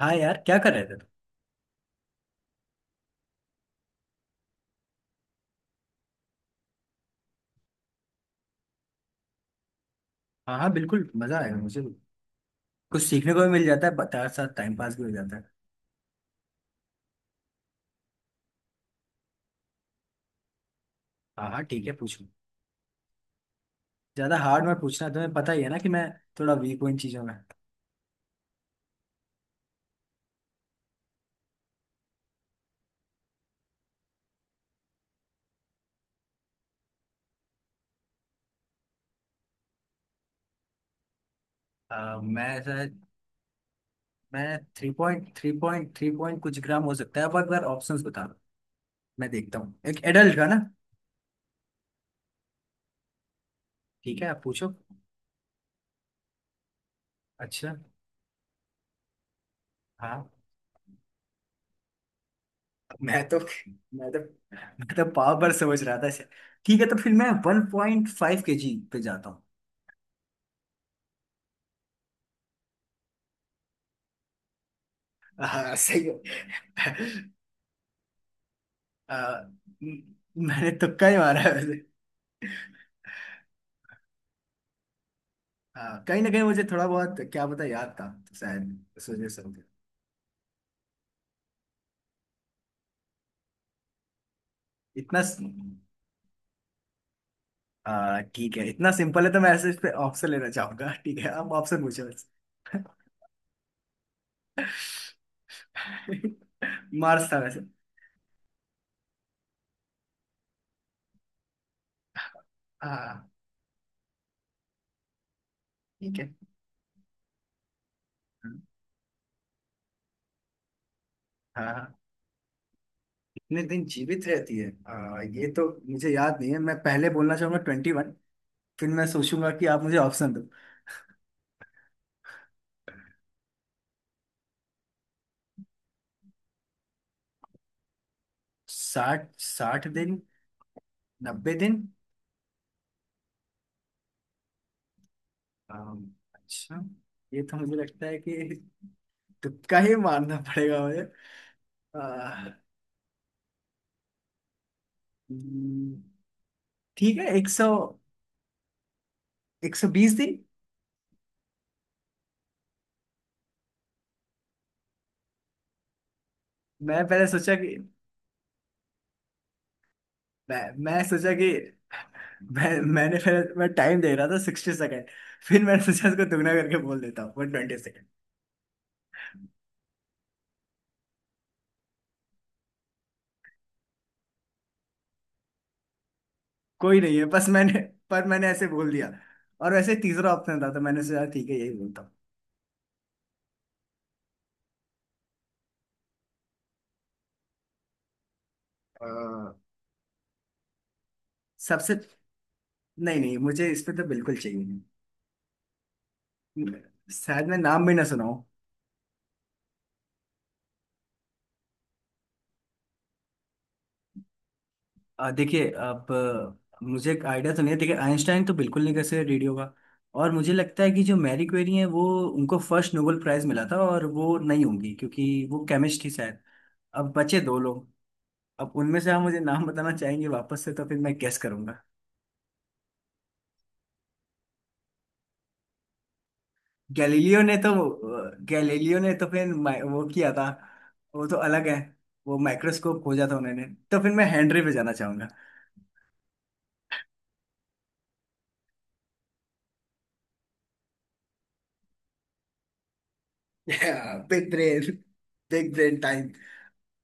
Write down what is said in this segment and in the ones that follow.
हाँ यार क्या कर रहे थे तुम। हाँ हाँ बिल्कुल मजा आएगा मुझे भी। कुछ सीखने को भी मिल जाता है बता, साथ टाइम पास भी हो जाता है। हाँ हाँ ठीक है पूछो। ज्यादा हार्ड मत पूछना, तुम्हें पता ही है ना कि मैं थोड़ा वीक हूँ इन चीजों में। मैं सर। मैं three point three point three point कुछ ग्राम हो सकता है, अब एक बार ऑप्शंस बता दो। मैं देखता हूँ एक एडल्ट का ना। ठीक है आप पूछो। अच्छा। हाँ। मैं तो मैं तो मैं तो पाव पर समझ रहा था इसे। ठीक है तो फिर मैं 1.5 KG पे जाता हूँ। हाँ सही है। आ, म- मैंने तुक्का ही मारा है वैसे। हाँ कहीं ना कहीं मुझे थोड़ा बहुत क्या पता याद था, तो शायद इस वजह से हो गया। इतना स- ठीक है इतना सिंपल है तो मैं ऐसे इस पे ऑप्शन लेना चाहूंगा, ठीक है आप ऑप्शन पूछो वैसे। मार्स था वैसे। हाँ ठीक है। हाँ हाँ कितने दिन जीवित रहती है, ये तो मुझे याद नहीं है, मैं पहले बोलना चाहूंगा 21। फिर मैं सोचूंगा कि आप मुझे ऑप्शन दो। साठ साठ दिन। 90 दिन। अच्छा। ये तो मुझे लगता है कि तुक्का ही मारना पड़ेगा मुझे। आह, हम्म, ठीक है एक सौ, एक सौ बीस दिन। मैं पहले सोचा कि मैं सोचा कि मैं मैंने पहले मैं टाइम दे रहा था 60 सेकेंड, फिर मैंने सोचा इसको दुगना करके बोल देता हूँ 120 सेकेंड। कोई नहीं है, बस मैंने, पर मैंने ऐसे बोल दिया। और वैसे तीसरा ऑप्शन था तो मैंने सोचा ठीक है यही बोलता हूँ। आह, सबसे, नहीं नहीं मुझे इसमें तो बिल्कुल चाहिए। नहीं शायद मैं नाम भी ना सुनाऊं। देखिए अब मुझे एक आइडिया तो नहीं है, देखिए आइंस्टाइन तो बिल्कुल नहीं कर सकते रेडियो का। और मुझे लगता है कि जो मैरी क्वेरी है वो, उनको फर्स्ट नोबेल प्राइज मिला था और वो नहीं होंगी क्योंकि वो केमिस्ट थी शायद। अब बचे दो लोग। अब उनमें से आप मुझे नाम बताना चाहेंगे वापस से, तो फिर मैं गेस करूंगा। गैलीलियो ने तो गैलीलियो ने तो फिर वो किया था, वो तो अलग है, वो माइक्रोस्कोप खोजा था उन्होंने। तो फिर मैं हेनरी पे जाना चाहूंगा। Big brain. Big brain time.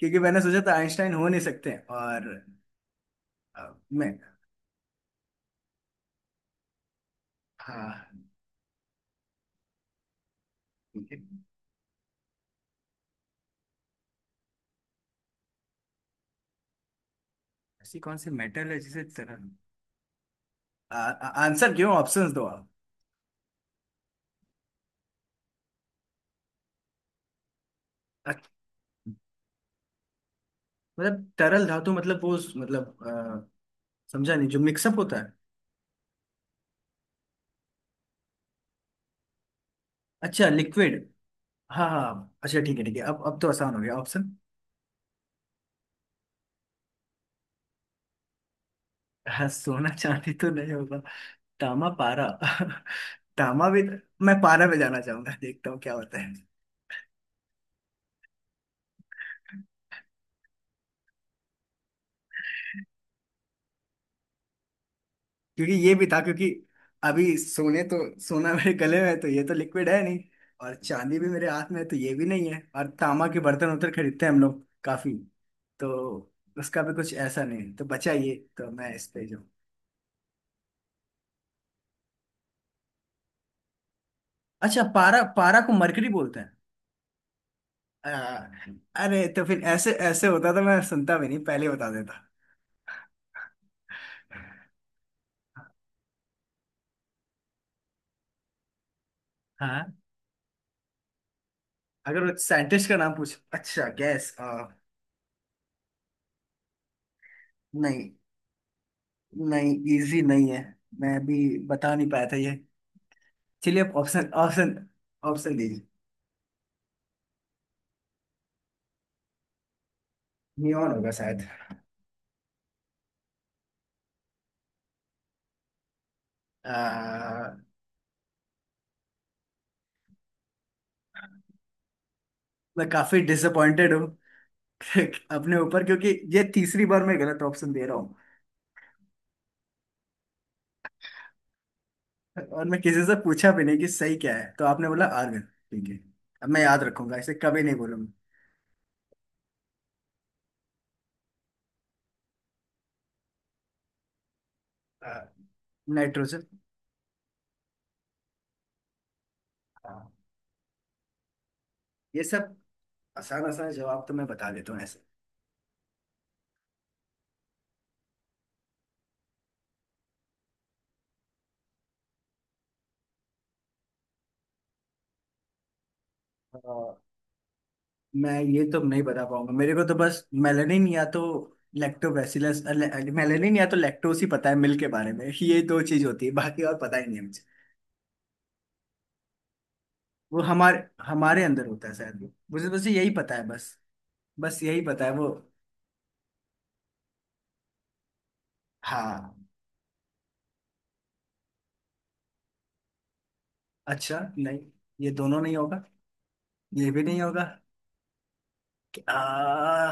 क्योंकि मैंने सोचा था आइंस्टाइन हो नहीं सकते और मैं। हाँ। लेकिन ऐसी कौन सी मेटल है जिसे तरल। आ- आंसर क्यों, ऑप्शंस दो आप। अच्छा, मतलब तरल धातु मतलब वो उस- मतलब अ, समझा नहीं जो मिक्सअप होता है। अच्छा लिक्विड। हाँ हाँ अच्छा ठीक है, ठीक है अब तो आसान हो गया ऑप्शन। हाँ, सोना चांदी तो नहीं होगा। तामा पारा तामा भी। मैं पारा पे जाना चाहूंगा, देखता हूँ क्या होता है। क्योंकि ये भी था, क्योंकि अभी सोने तो सोना मेरे गले में है तो ये तो लिक्विड है नहीं। और चांदी भी मेरे हाथ में है तो ये भी नहीं है, और तांबा के बर्तन उधर खरीदते हैं हम लोग काफी, तो उसका भी कुछ ऐसा नहीं है। तो बचा ये, तो मैं इस पे जाऊँ। अच्छा पारा, पारा को मरकरी बोलते हैं। आ, अरे तो फिर ऐसे ऐसे होता तो मैं सुनता भी नहीं, पहले बता देता। हाँ अगर वो साइंटिस्ट का नाम पूछ, अच्छा गैस। नहीं, नहीं इजी नहीं है, मैं भी बता नहीं पाया था ये। चलिए आप ऑप्शन, ऑप्शन, ऑप्शन दीजिए। नियॉन होगा शायद। आ, मैं काफी डिसअपॉइंटेड हूँ अपने ऊपर, क्योंकि ये तीसरी बार मैं गलत ऑप्शन दे रहा हूँ। और मैं किसी से पूछा भी नहीं कि सही क्या है, तो आपने बोला आर्गन ठीक है। अब मैं याद रखूंगा इसे, कभी नहीं बोलूंगा। आ, नाइट्रोजन। हाँ ये सब आसान आसान जवाब तो मैं बता देता हूँ ऐसे। आ, मैं ये तो नहीं बता पाऊंगा, मेरे को तो बस मेलानिन या तो लैक्टोबैसिलस, मेलानिन या तो लैक्टोस ही पता है मिल्क के बारे में, ये दो चीज होती है बाकी और पता ही नहीं है मुझे। वो हमारे हमारे अंदर होता है शायद वो, मुझे बस यही पता है बस। बस यही पता है वो। हाँ। अच्छा नहीं, ये दोनों नहीं होगा। ये भी नहीं होगा। क्या,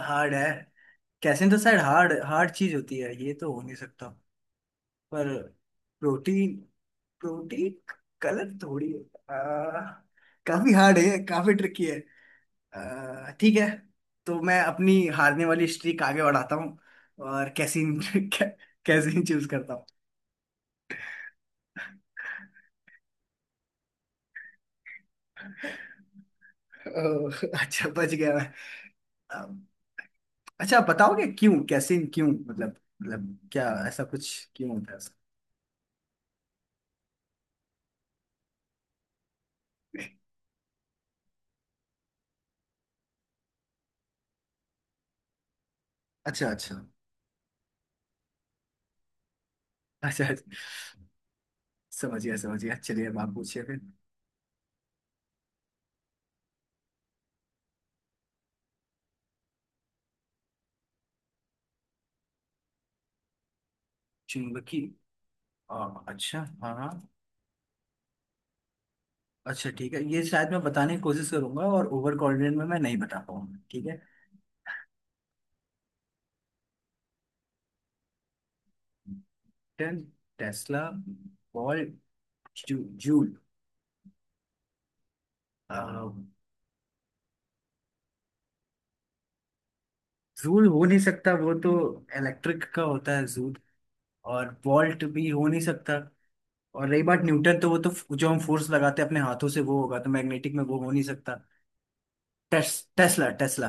हार्ड है। कैसे तो शायद हार्ड, हार्ड चीज होती है, ये तो हो नहीं सकता। पर प्रोटीन, प्रोटीन कलर थोड़ी है। आ, काफी हार्ड है, काफी ट्रिकी है। ठीक है तो मैं अपनी हारने वाली स्ट्रीक आगे बढ़ाता हूँ और कैसीन कैसीन चूज करता हूँ। ओह, अच्छा बच गया मैं। अम, अच्छा आप बताओगे क्यों कैसीन क्यों, मतलब, मतलब क्या ऐसा कुछ क्यों होता है उसका? अच्छा अच्छा। अच्छा अच्छा, समझ गया समझ गया, चलिए अब आप पूछिए फिर। चुंबकी, आ, अच्छा हाँ हाँ। अच्छा ठीक है ये शायद मैं बताने की कोशिश करूंगा और ओवर कॉन्फिडेंट में मैं नहीं बता पाऊंगा ठीक है। न्यूटन। टेस्ला। बॉल। जू, जूल। अ, जूल हो नहीं सकता वो तो, इलेक्ट्रिक का होता है जूल। और वोल्ट भी हो नहीं सकता। और रही बात न्यूटन, तो वो तो जो हम फोर्स लगाते हैं अपने हाथों से वो होगा, तो मैग्नेटिक में वो हो नहीं सकता। टेस, टेस्ला, टेस्ला।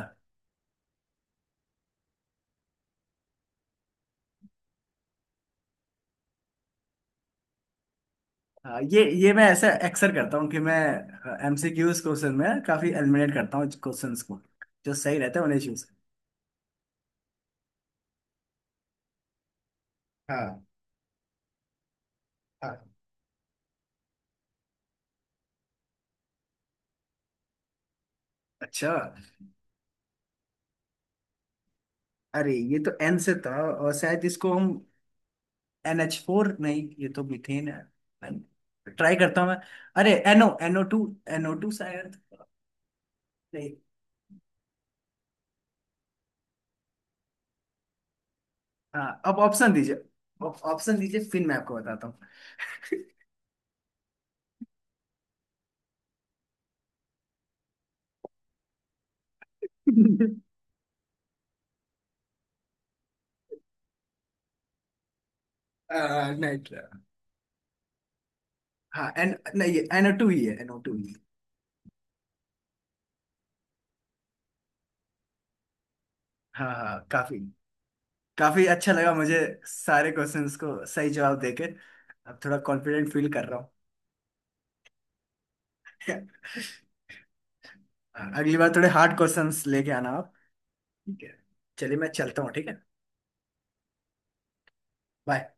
हाँ, ये मैं ऐसा अक्सर करता हूँ कि मैं एमसीक्यूज क्वेश्चन में काफी एलिमिनेट करता हूँ क्वेश्चंस को, जो सही रहते हैं उन्हें चूज। हाँ। अच्छा। अरे ये तो एन से था और शायद इसको हम NH4, नहीं ये तो मीथेन है। ट्राई करता हूँ मैं। अरे NO, NO two. NO two शायद। नहीं। हाँ अब ऑप्शन दीजिए अब, ऑप्शन दीजिए फिर मैं आपको बताता हूँ। नाइट्रा। हाँ एन नहीं, एनओ टू ही है, एनओ टू ही है। हाँ हाँ काफी। काफी अच्छा लगा मुझे। सारे क्वेश्चंस को सही जवाब देके अब थोड़ा कॉन्फिडेंट फील कर रहा हूँ। अगली बार थोड़े हार्ड क्वेश्चंस लेके आना। ठीक है। चलिए मैं चलता हूँ ठीक है। बाय।